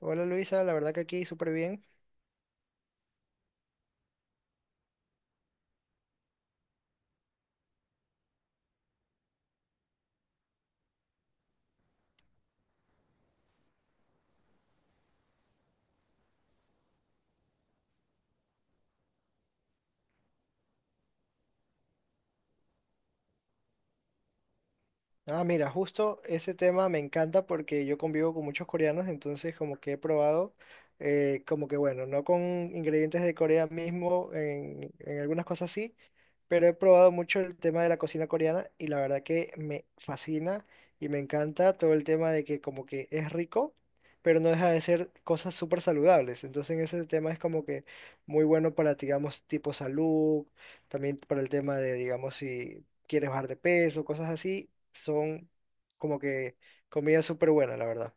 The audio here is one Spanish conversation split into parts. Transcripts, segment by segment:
Hola Luisa, la verdad que aquí súper bien. Ah, mira, justo ese tema me encanta porque yo convivo con muchos coreanos, entonces como que he probado, como que bueno, no con ingredientes de Corea mismo, en algunas cosas sí, pero he probado mucho el tema de la cocina coreana y la verdad que me fascina y me encanta todo el tema de que como que es rico, pero no deja de ser cosas súper saludables. Entonces ese tema es como que muy bueno para, digamos, tipo salud. También para el tema de, digamos, si quieres bajar de peso, cosas así, son como que comida súper buena, la verdad.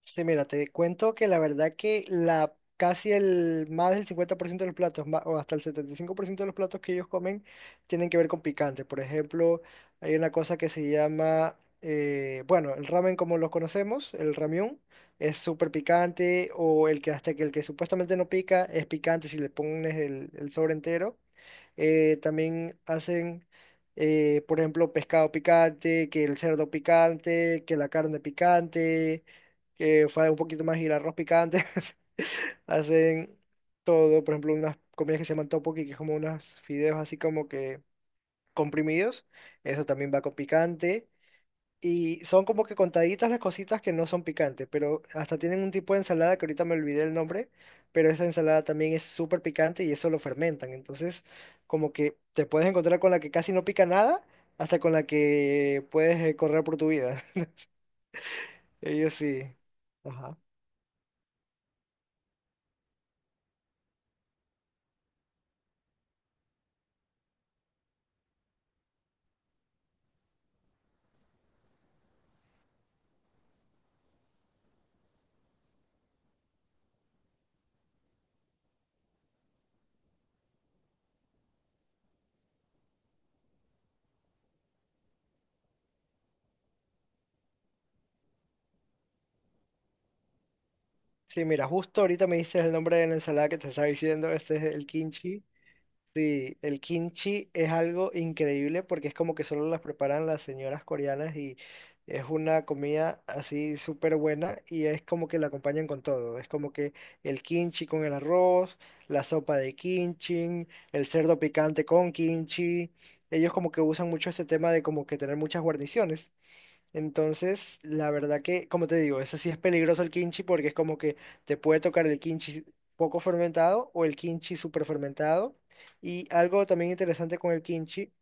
Sí, mira, te cuento que la verdad que la casi el más del 50% de los platos, o hasta el 75% de los platos que ellos comen, tienen que ver con picante. Por ejemplo, hay una cosa que se llama, bueno, el ramen como lo conocemos, el ramyun, es súper picante, o el que hasta que el que supuestamente no pica es picante si le pones el sobre entero. También hacen, por ejemplo, pescado picante, que el cerdo picante, que la carne picante, que fue un poquito más y el arroz picante. Hacen todo, por ejemplo, unas comidas que se llaman tteokbokki, que es como unos fideos así como que comprimidos. Eso también va con picante. Y son como que contaditas las cositas que no son picantes, pero hasta tienen un tipo de ensalada que ahorita me olvidé el nombre, pero esa ensalada también es súper picante y eso lo fermentan. Entonces, como que te puedes encontrar con la que casi no pica nada, hasta con la que puedes correr por tu vida. Ellos sí. Ajá. Sí, mira, justo ahorita me diste el nombre de la ensalada que te estaba diciendo, este es el kimchi. Sí, el kimchi es algo increíble porque es como que solo las preparan las señoras coreanas y es una comida así súper buena y es como que la acompañan con todo. Es como que el kimchi con el arroz, la sopa de kimchi, el cerdo picante con kimchi. Ellos como que usan mucho ese tema de como que tener muchas guarniciones. Entonces, la verdad que, como te digo, eso sí es peligroso el kimchi porque es como que te puede tocar el kimchi poco fermentado o el kimchi súper fermentado. Y algo también interesante con el kimchi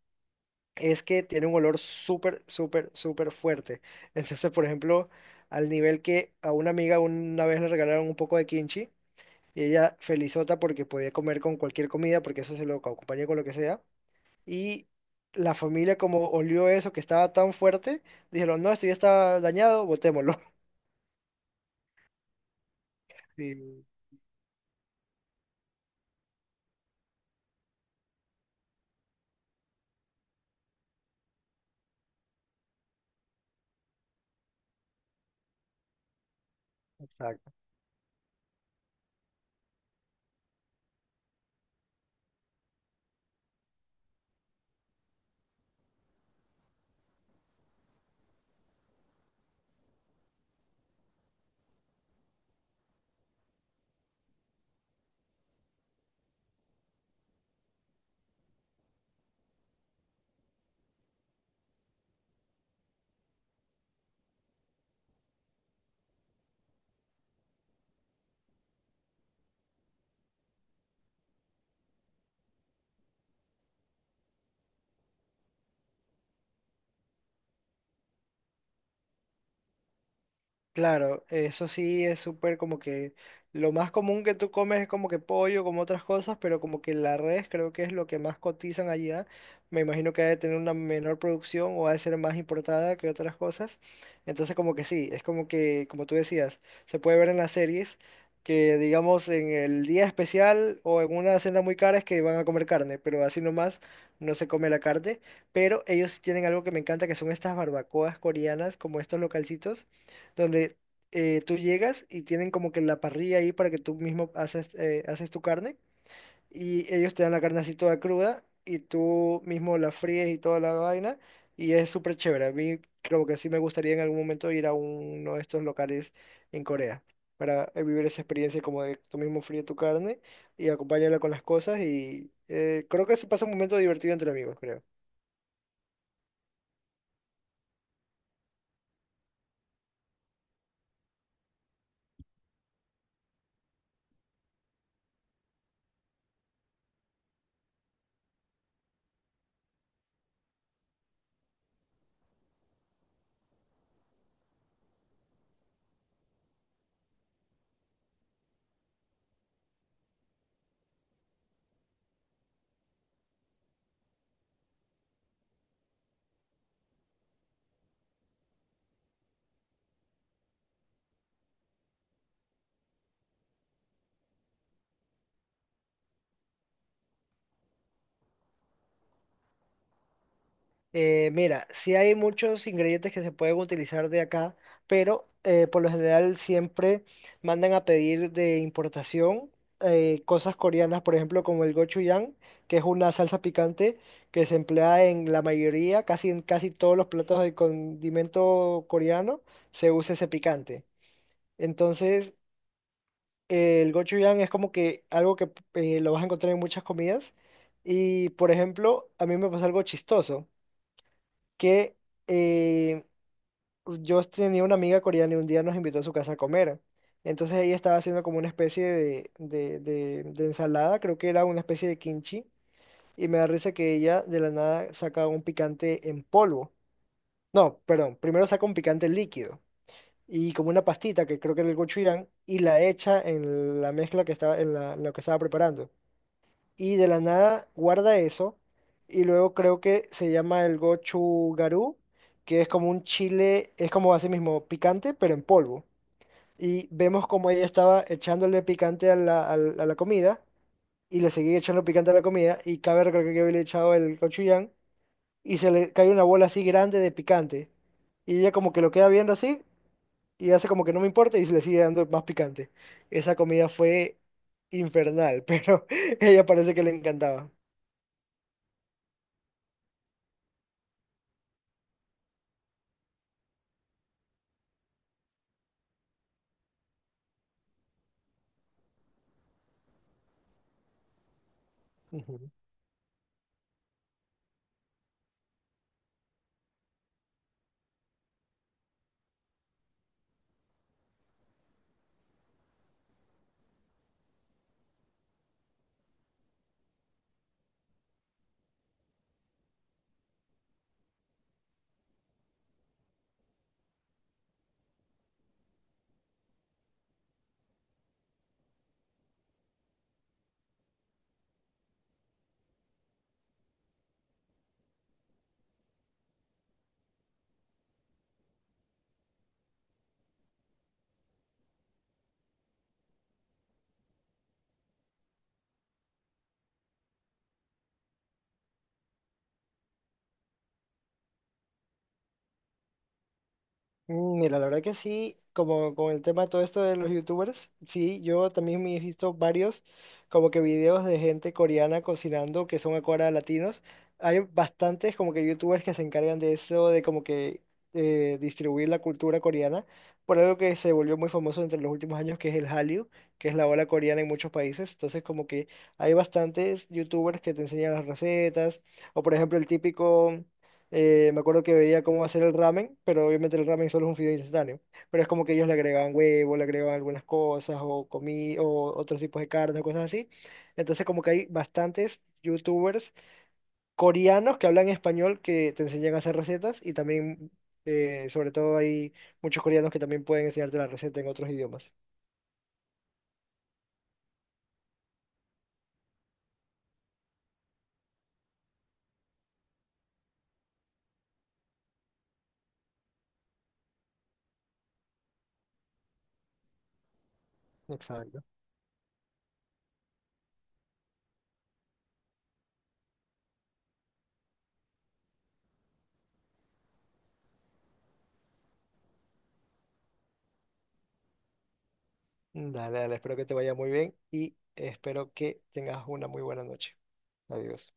es que tiene un olor súper, súper, súper fuerte. Entonces, por ejemplo, al nivel que a una amiga una vez le regalaron un poco de kimchi y ella felizota porque podía comer con cualquier comida porque eso se lo acompaña con lo que sea. Y la familia como olió eso que estaba tan fuerte, dijeron, no, esto ya está dañado, botémoslo. Y- Exacto. Claro, eso sí es súper como que lo más común que tú comes es como que pollo, como otras cosas, pero como que la res creo que es lo que más cotizan allá. Me imagino que ha de tener una menor producción o ha de ser más importada que otras cosas. Entonces como que sí, es como que, como tú decías, se puede ver en las series que digamos en el día especial o en una cena muy cara es que van a comer carne, pero así nomás no se come la carne. Pero ellos sí tienen algo que me encanta que son estas barbacoas coreanas, como estos localcitos donde tú llegas y tienen como que la parrilla ahí para que tú mismo haces, haces tu carne y ellos te dan la carne así toda cruda y tú mismo la fríes y toda la vaina y es súper chévere. A mí creo que sí me gustaría en algún momento ir a uno de estos locales en Corea para vivir esa experiencia como de tú mismo fríes tu carne y acompañarla con las cosas y creo que se pasa un momento divertido entre amigos, creo. Mira, sí hay muchos ingredientes que se pueden utilizar de acá, pero por lo general siempre mandan a pedir de importación cosas coreanas, por ejemplo, como el gochujang, que es una salsa picante que se emplea en la mayoría, casi en casi todos los platos de condimento coreano, se usa ese picante. Entonces, el gochujang es como que algo que lo vas a encontrar en muchas comidas. Y, por ejemplo, a mí me pasó algo chistoso que eh, yo tenía una amiga coreana y un día nos invitó a su casa a comer. Entonces ella estaba haciendo como una especie de, de ensalada, creo que era una especie de kimchi, y me da risa que ella de la nada saca un picante en polvo. No, perdón, primero saca un picante líquido y como una pastita que creo que era el gochujang y la echa en la mezcla que estaba en, en lo que estaba preparando y de la nada guarda eso. Y luego creo que se llama el gochugaru, que es como un chile, es como así mismo, picante, pero en polvo. Y vemos como ella estaba echándole picante a a la comida, y le seguía echando picante a la comida, y cabe recalcar que yo había echado el gochujang, y se le cae una bola así grande de picante. Y ella como que lo queda viendo así, y hace como que no me importa, y se le sigue dando más picante. Esa comida fue infernal, pero ella parece que le encantaba. Mm, mira, la verdad que sí, como con el tema todo esto de los youtubers, sí, yo también me he visto varios como que videos de gente coreana cocinando que son ahora latinos. Hay bastantes como que youtubers que se encargan de eso, de como que distribuir la cultura coreana, por algo que se volvió muy famoso entre los últimos años, que es el Hallyu, que es la ola coreana en muchos países. Entonces como que hay bastantes youtubers que te enseñan las recetas, o por ejemplo el típico... Me acuerdo que veía cómo hacer el ramen, pero obviamente el ramen solo es un fideo instantáneo. Pero es como que ellos le agregaban huevo, le agregaban algunas cosas, o otros tipos de carne, o cosas así. Entonces, como que hay bastantes youtubers coreanos que hablan español que te enseñan a hacer recetas y también, sobre todo, hay muchos coreanos que también pueden enseñarte la receta en otros idiomas. Exacto. Dale, dale, espero que te vaya muy bien y espero que tengas una muy buena noche. Adiós.